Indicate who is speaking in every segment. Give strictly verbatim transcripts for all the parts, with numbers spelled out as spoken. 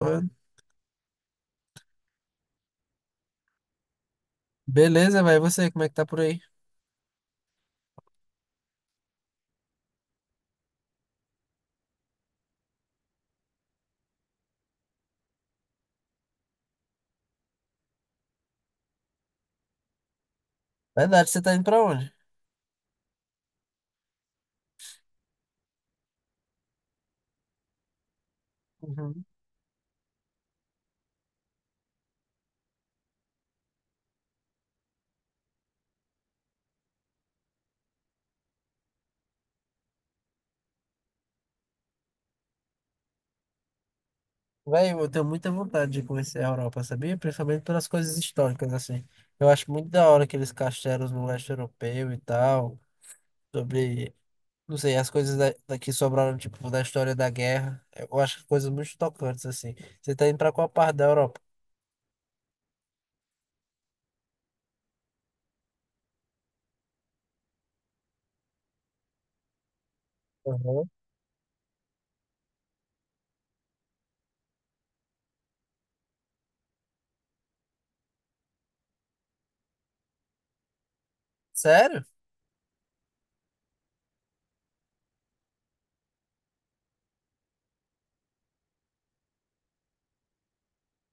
Speaker 1: Mano. Beleza, vai. E você, como é que tá por aí? Verdade, você tá indo pra onde? Uhum. Véi, eu tenho muita vontade de conhecer a Europa, sabia? Principalmente pelas coisas históricas, assim. Eu acho muito da hora aqueles castelos no leste europeu e tal, sobre. Não sei, as coisas da, daqui sobraram, tipo, da história da guerra. Eu acho coisas muito tocantes, assim. Você tá indo pra qual parte da Europa? Aham. Sério?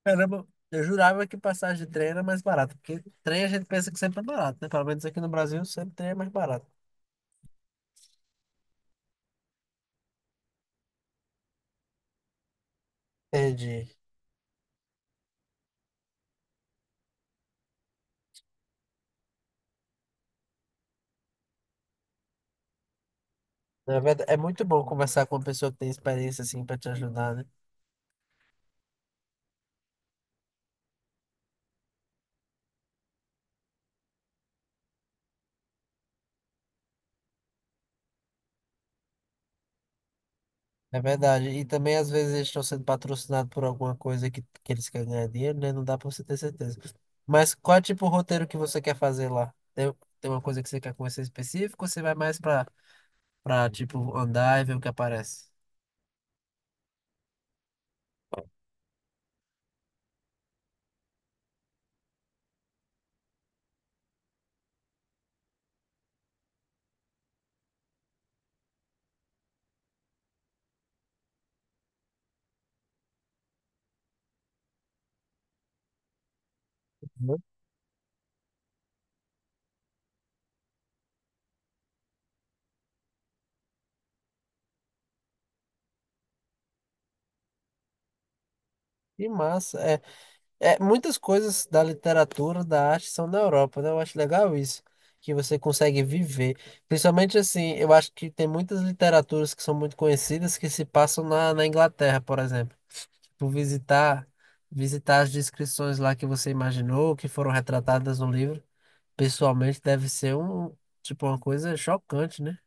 Speaker 1: Caramba, eu jurava que passagem de trem era mais barata, porque trem a gente pensa que sempre é barato, né? Pelo menos aqui no Brasil, sempre trem é mais barato. Entendi. Na verdade, é muito bom conversar com uma pessoa que tem experiência, assim, pra te ajudar, né? É verdade. E também, às vezes, eles estão sendo patrocinados por alguma coisa que, que eles querem ganhar dinheiro, né? Não dá pra você ter certeza. Mas qual é, tipo, o roteiro que você quer fazer lá? Tem, tem uma coisa que você quer conhecer específico ou você vai mais pra, pra, tipo, andar e ver o que aparece? Uhum. Que massa. É, É, muitas coisas da literatura, da arte são na Europa, né? Eu acho legal isso, que você consegue viver. Principalmente assim, eu acho que tem muitas literaturas que são muito conhecidas que se passam na, na Inglaterra, por exemplo. Tipo, visitar, visitar as descrições lá que você imaginou, que foram retratadas no livro, pessoalmente deve ser um, tipo, uma coisa chocante, né?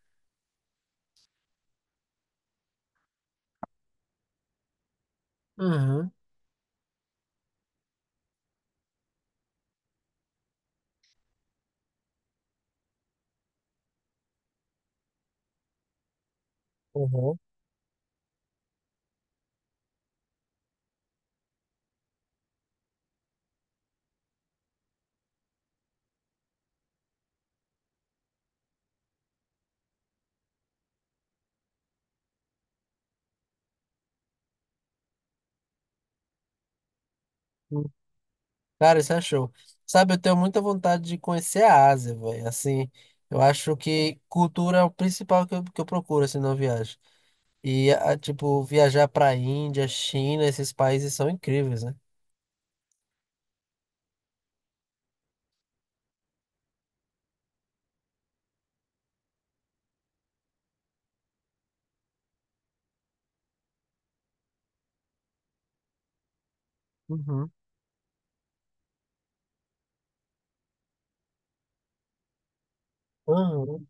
Speaker 1: Uhum. Uhum. Cara, isso é show. Sabe, eu tenho muita vontade de conhecer a Ásia, velho. Assim, eu acho que cultura é o principal que eu, que eu procuro, assim, na viagem. E, ah, tipo, viajar pra Índia, China, esses países são incríveis, né? Uhum, uhum,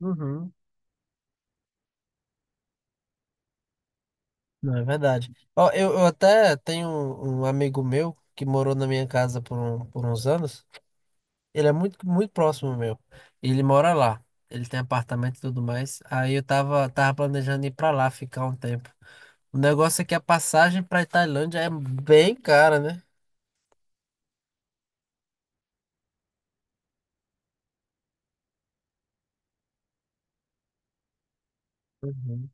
Speaker 1: uhum. Não, é verdade. Ó, eu, eu até tenho um, um amigo meu que morou na minha casa por, um- por uns anos. Ele é muito, muito próximo meu. Ele mora lá. Ele tem apartamento e tudo mais. Aí eu tava, tava planejando ir pra lá ficar um tempo. O negócio é que a passagem pra Tailândia é bem cara, né? Uhum,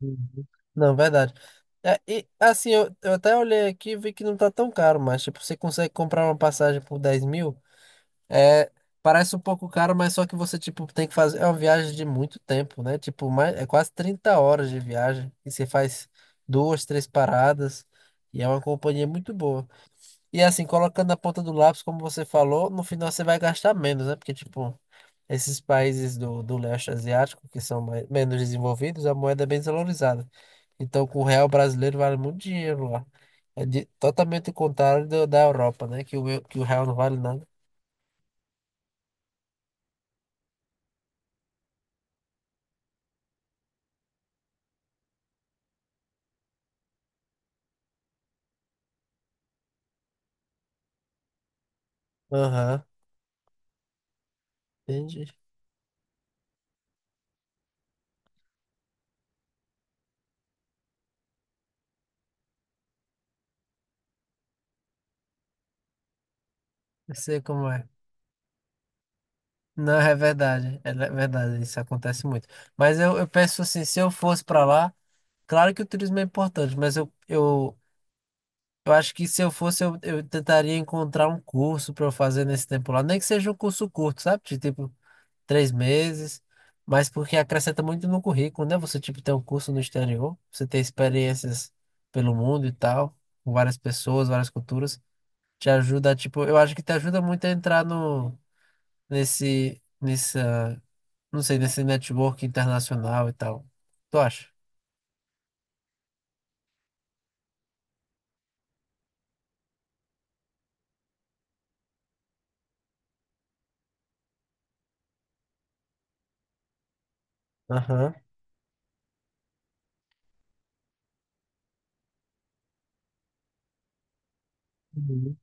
Speaker 1: uhum. Não, verdade. É, e assim, eu, eu até olhei aqui e vi que não tá tão caro, mas tipo, você consegue comprar uma passagem por dez mil? É, parece um pouco caro, mas só que você tipo, tem que fazer. É uma viagem de muito tempo, né? Tipo, mais, é quase trinta horas de viagem. E você faz duas, três paradas. E é uma companhia muito boa. E assim, colocando na ponta do lápis, como você falou, no final você vai gastar menos, né? Porque, tipo. Esses países do, do leste asiático, que são mais- menos desenvolvidos, a moeda é bem desvalorizada. Então, com o real brasileiro vale muito dinheiro lá. É de- totalmente o contrário do- da Europa, né? Que o, eu- que o real não vale nada. Aham, entendi. Eu sei como é. Não, é verdade, é le- verdade, isso acontece muito. Mas eu, eu penso assim, se eu fosse para lá, claro que o turismo é importante, mas eu, eu, eu acho que se eu fosse, eu, eu tentaria encontrar um curso para eu fazer nesse tempo lá, nem que seja um curso curto, sabe? De tipo, três meses, mas porque acrescenta muito no currículo, né? Você, tipo, ter um curso no exterior, você ter experiências pelo mundo e tal, com várias pessoas, várias culturas, te ajuda, tipo, eu acho que te ajuda muito a entrar no, nesse, nessa, não sei, nesse network internacional e tal. Tu acha? Aham. Uhum.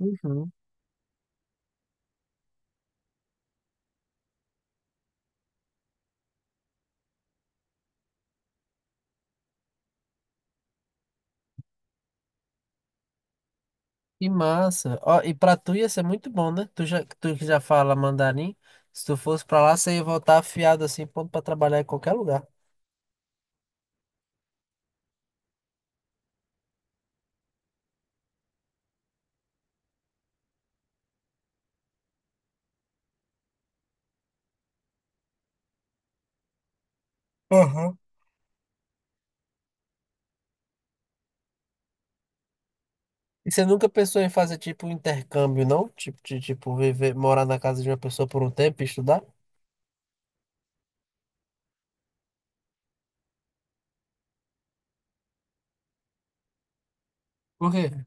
Speaker 1: Uhum. Que massa. Ó, e pra tu ia ser muito bom, né? Tu já, tu que já fala mandarim, se tu fosse pra lá, você ia voltar afiado assim, pronto pra trabalhar em qualquer lugar. Aham. E você nunca pensou em fazer tipo um intercâmbio, não? Tipo, de, tipo, viver, morar na casa de uma pessoa por um tempo e estudar? Por quê?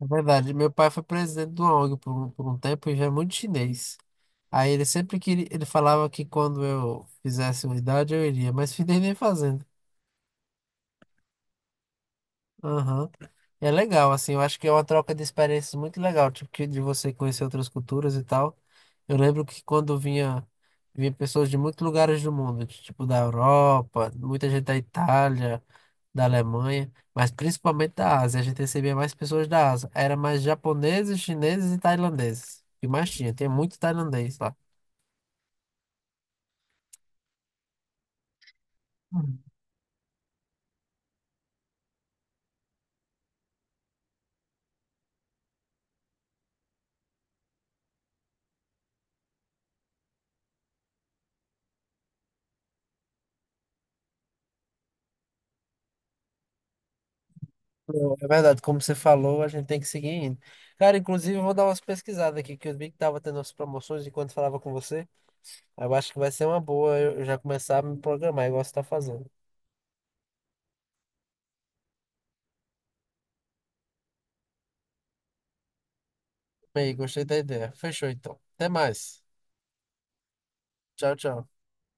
Speaker 1: É verdade, meu pai foi presidente de uma ONG por um, por um tempo e já é muito chinês. Aí ele sempre queria, ele falava que quando eu fizesse uma idade eu iria, mas fiquei nem fazendo. Aham. É legal, assim, eu acho que é uma troca de experiências muito legal, tipo, que de você conhecer outras culturas e tal. Eu lembro que quando vinha, vinha pessoas de muitos lugares do mundo, de, tipo da Europa, muita gente da Itália, da Alemanha, mas principalmente da Ásia. A gente recebia mais pessoas da Ásia. Era mais japoneses, chineses e tailandeses. O que mais tinha? Tinha muito tailandês lá. Hum. Não, é verdade, como você falou, a gente tem que seguir indo. Cara, inclusive, eu vou dar umas pesquisadas aqui, que eu vi que tava tendo as promoções enquanto falava com você. Eu acho que vai ser uma boa eu já começar a me programar igual você está fazendo. Bem, gostei da ideia. Fechou então. Até mais. Tchau, tchau.